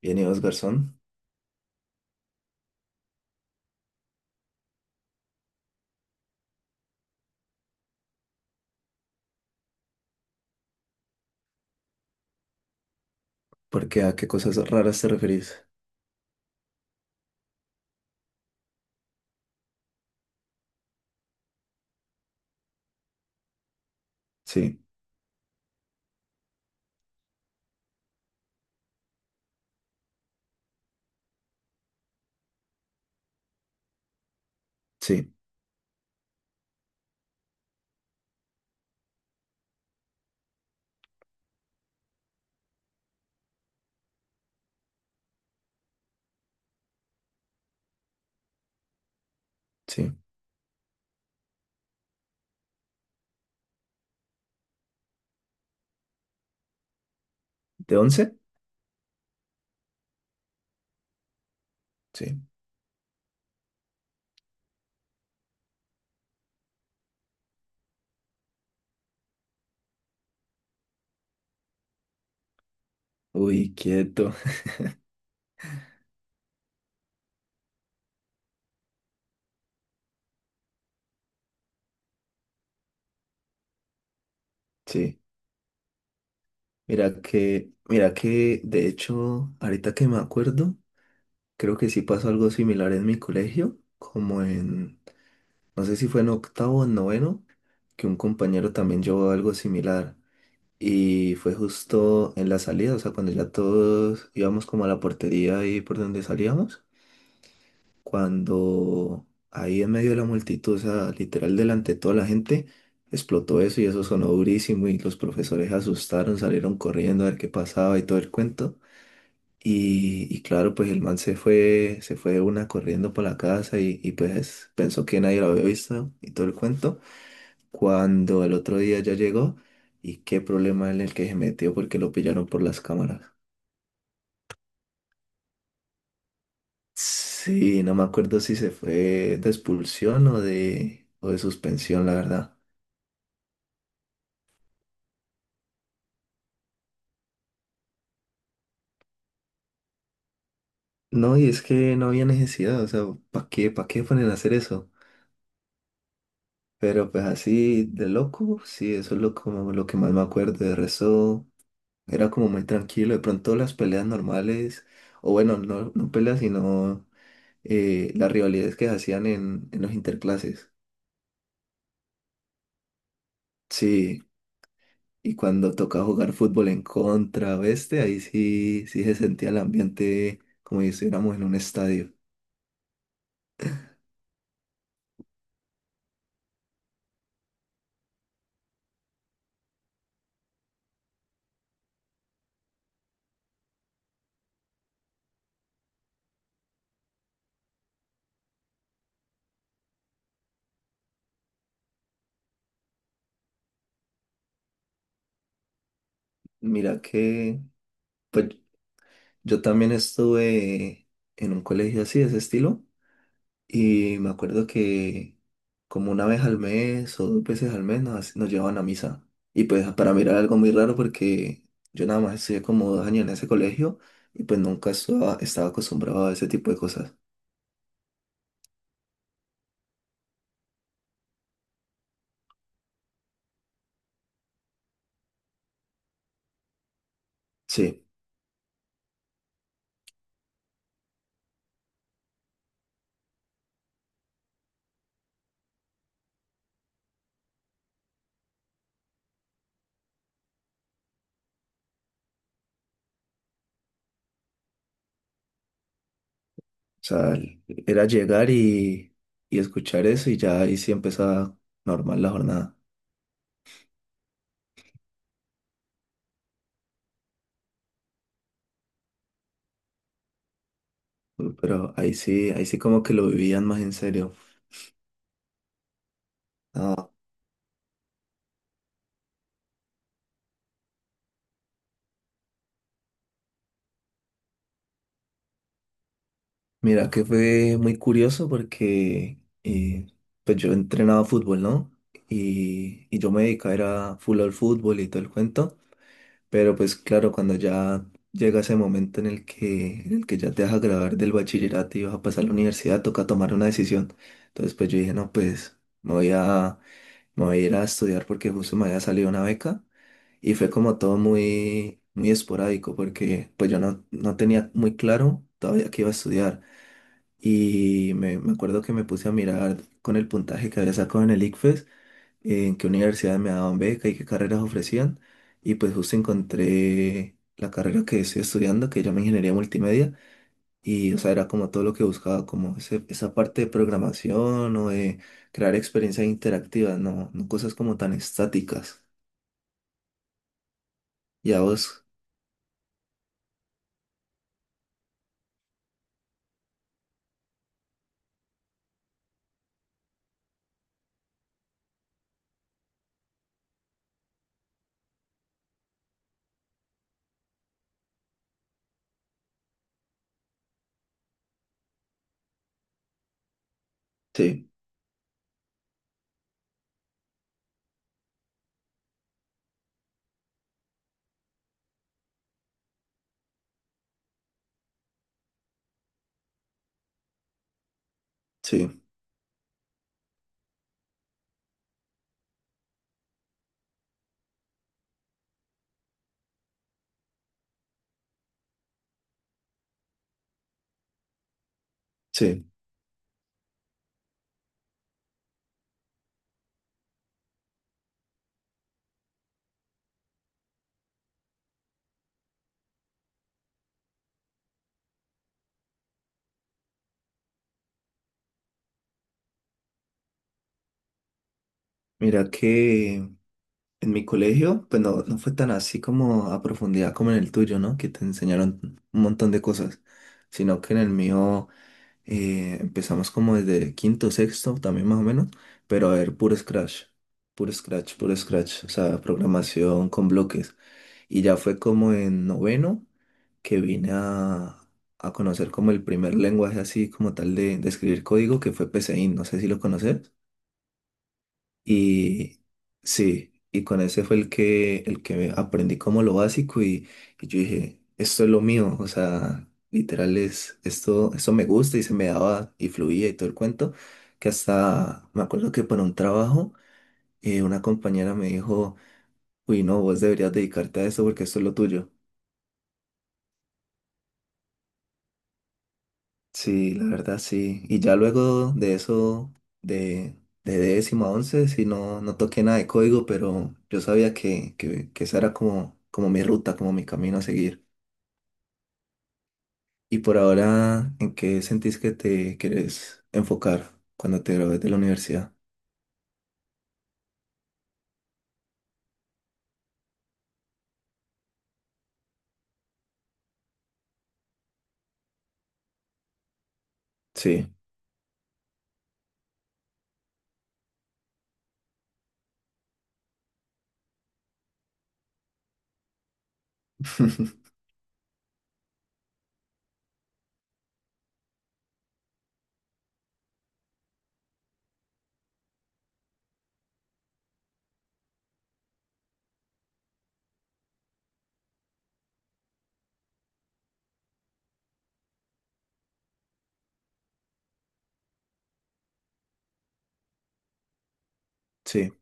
Bien, ¿y vos, garzón? ¿Por qué? ¿A qué cosas raras te referís? Sí, sí, sí. ¿De once? Sí. Uy, quieto. Sí. Mira que, de hecho, ahorita que me acuerdo, creo que sí pasó algo similar en mi colegio, no sé si fue en octavo o en noveno, que un compañero también llevó algo similar. Y fue justo en la salida, o sea, cuando ya todos íbamos como a la portería ahí por donde salíamos. Cuando ahí en medio de la multitud, o sea, literal delante de toda la gente, explotó eso y eso sonó durísimo y los profesores se asustaron, salieron corriendo a ver qué pasaba y todo el cuento. Y claro, pues el man se fue de una corriendo para la casa y pues pensó que nadie lo había visto y todo el cuento. Cuando el otro día ya llegó y qué problema en el que se metió porque lo pillaron por las cámaras. Sí, no me acuerdo si se fue de expulsión o de suspensión, la verdad. No, y es que no había necesidad, o sea, ¿para qué ponen a hacer eso? Pero pues así de loco, sí, eso es lo, como lo que más me acuerdo. De resto, era como muy tranquilo. De pronto las peleas normales, o bueno, no, no peleas, sino las rivalidades que se hacían en los interclases. Sí. Y cuando toca jugar fútbol en contra, oeste, ahí sí, sí se sentía el ambiente como si estuviéramos en un estadio. Mira que, pues yo también estuve en un colegio así, de ese estilo, y me acuerdo que como una vez al mes o dos veces al mes nos llevaban a misa. Y pues para mí era algo muy raro porque yo nada más estudié como dos años en ese colegio y pues nunca estaba acostumbrado a ese tipo de cosas. Sí. O sea, era llegar y escuchar eso y ya ahí sí empezaba normal la jornada. Pero ahí sí como que lo vivían más en serio. Ah, mira que fue muy curioso porque pues yo entrenaba fútbol, ¿no? Y yo me dedicaba era full al fútbol y todo el cuento. Pero pues claro, cuando ya llega ese momento en el que ya te vas a graduar del bachillerato y vas a pasar a la universidad, toca tomar una decisión. Entonces pues yo dije, no, Me voy a ir a estudiar porque justo me había salido una beca y fue como todo muy, muy esporádico porque pues yo no, no tenía muy claro todavía qué iba a estudiar. Y me acuerdo que me puse a mirar con el puntaje que había sacado en el ICFES, en qué universidades me daban beca y qué carreras ofrecían. Y pues justo encontré la carrera que estoy estudiando, que se llama Ingeniería Multimedia. Y, o sea, era como todo lo que buscaba, como esa parte de programación o de crear experiencias interactivas, no, no cosas como tan estáticas. Ya vos, sí, sí, sí. Mira que en mi colegio, pues no, no fue tan así como a profundidad como en el tuyo, ¿no? Que te enseñaron un montón de cosas, sino que en el mío empezamos como desde quinto, sexto, también más o menos, pero a ver, puro Scratch, puro Scratch, o sea, programación con bloques. Y ya fue como en noveno que vine a conocer como el primer lenguaje así como tal de escribir código, que fue PSeInt, no sé si lo conoces. Y sí, y con ese fue el que aprendí como lo básico y yo dije, esto es lo mío, o sea, literal es, esto me gusta y se me daba y fluía y todo el cuento, que hasta me acuerdo que para un trabajo una compañera me dijo, uy, no, vos deberías dedicarte a eso porque esto es lo tuyo. Sí, la verdad sí. Y ya luego de eso, de, de décimo a once, sí, no, no toqué nada de código, pero yo sabía que esa era como, como mi ruta, como mi camino a seguir. Y por ahora, ¿en qué sentís que te quieres enfocar cuando te gradúes de la universidad? Sí, sí.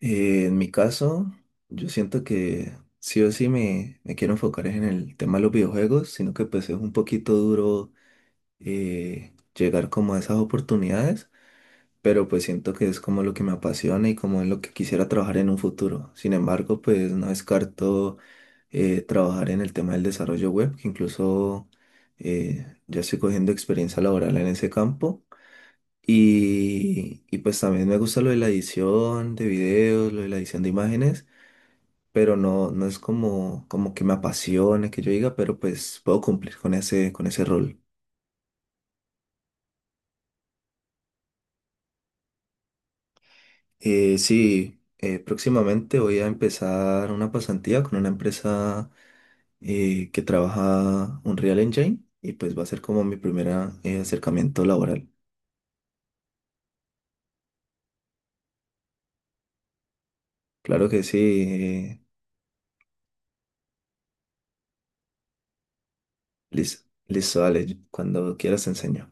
En mi caso, yo siento que sí o sí me quiero enfocar es en el tema de los videojuegos, sino que pues es un poquito duro llegar como a esas oportunidades. Pero pues siento que es como lo que me apasiona y como en lo que quisiera trabajar en un futuro. Sin embargo, pues no descarto trabajar en el tema del desarrollo web, que incluso ya estoy cogiendo experiencia laboral en ese campo. Y pues también me gusta lo de la edición de videos, lo de la edición de imágenes, pero no, no es como, como que me apasione, que yo diga, pero pues puedo cumplir con ese rol. Sí, próximamente voy a empezar una pasantía con una empresa que trabaja Unreal Engine y pues va a ser como mi primer acercamiento laboral. Claro que sí, eh, listo, listo, dale, cuando quieras te enseño.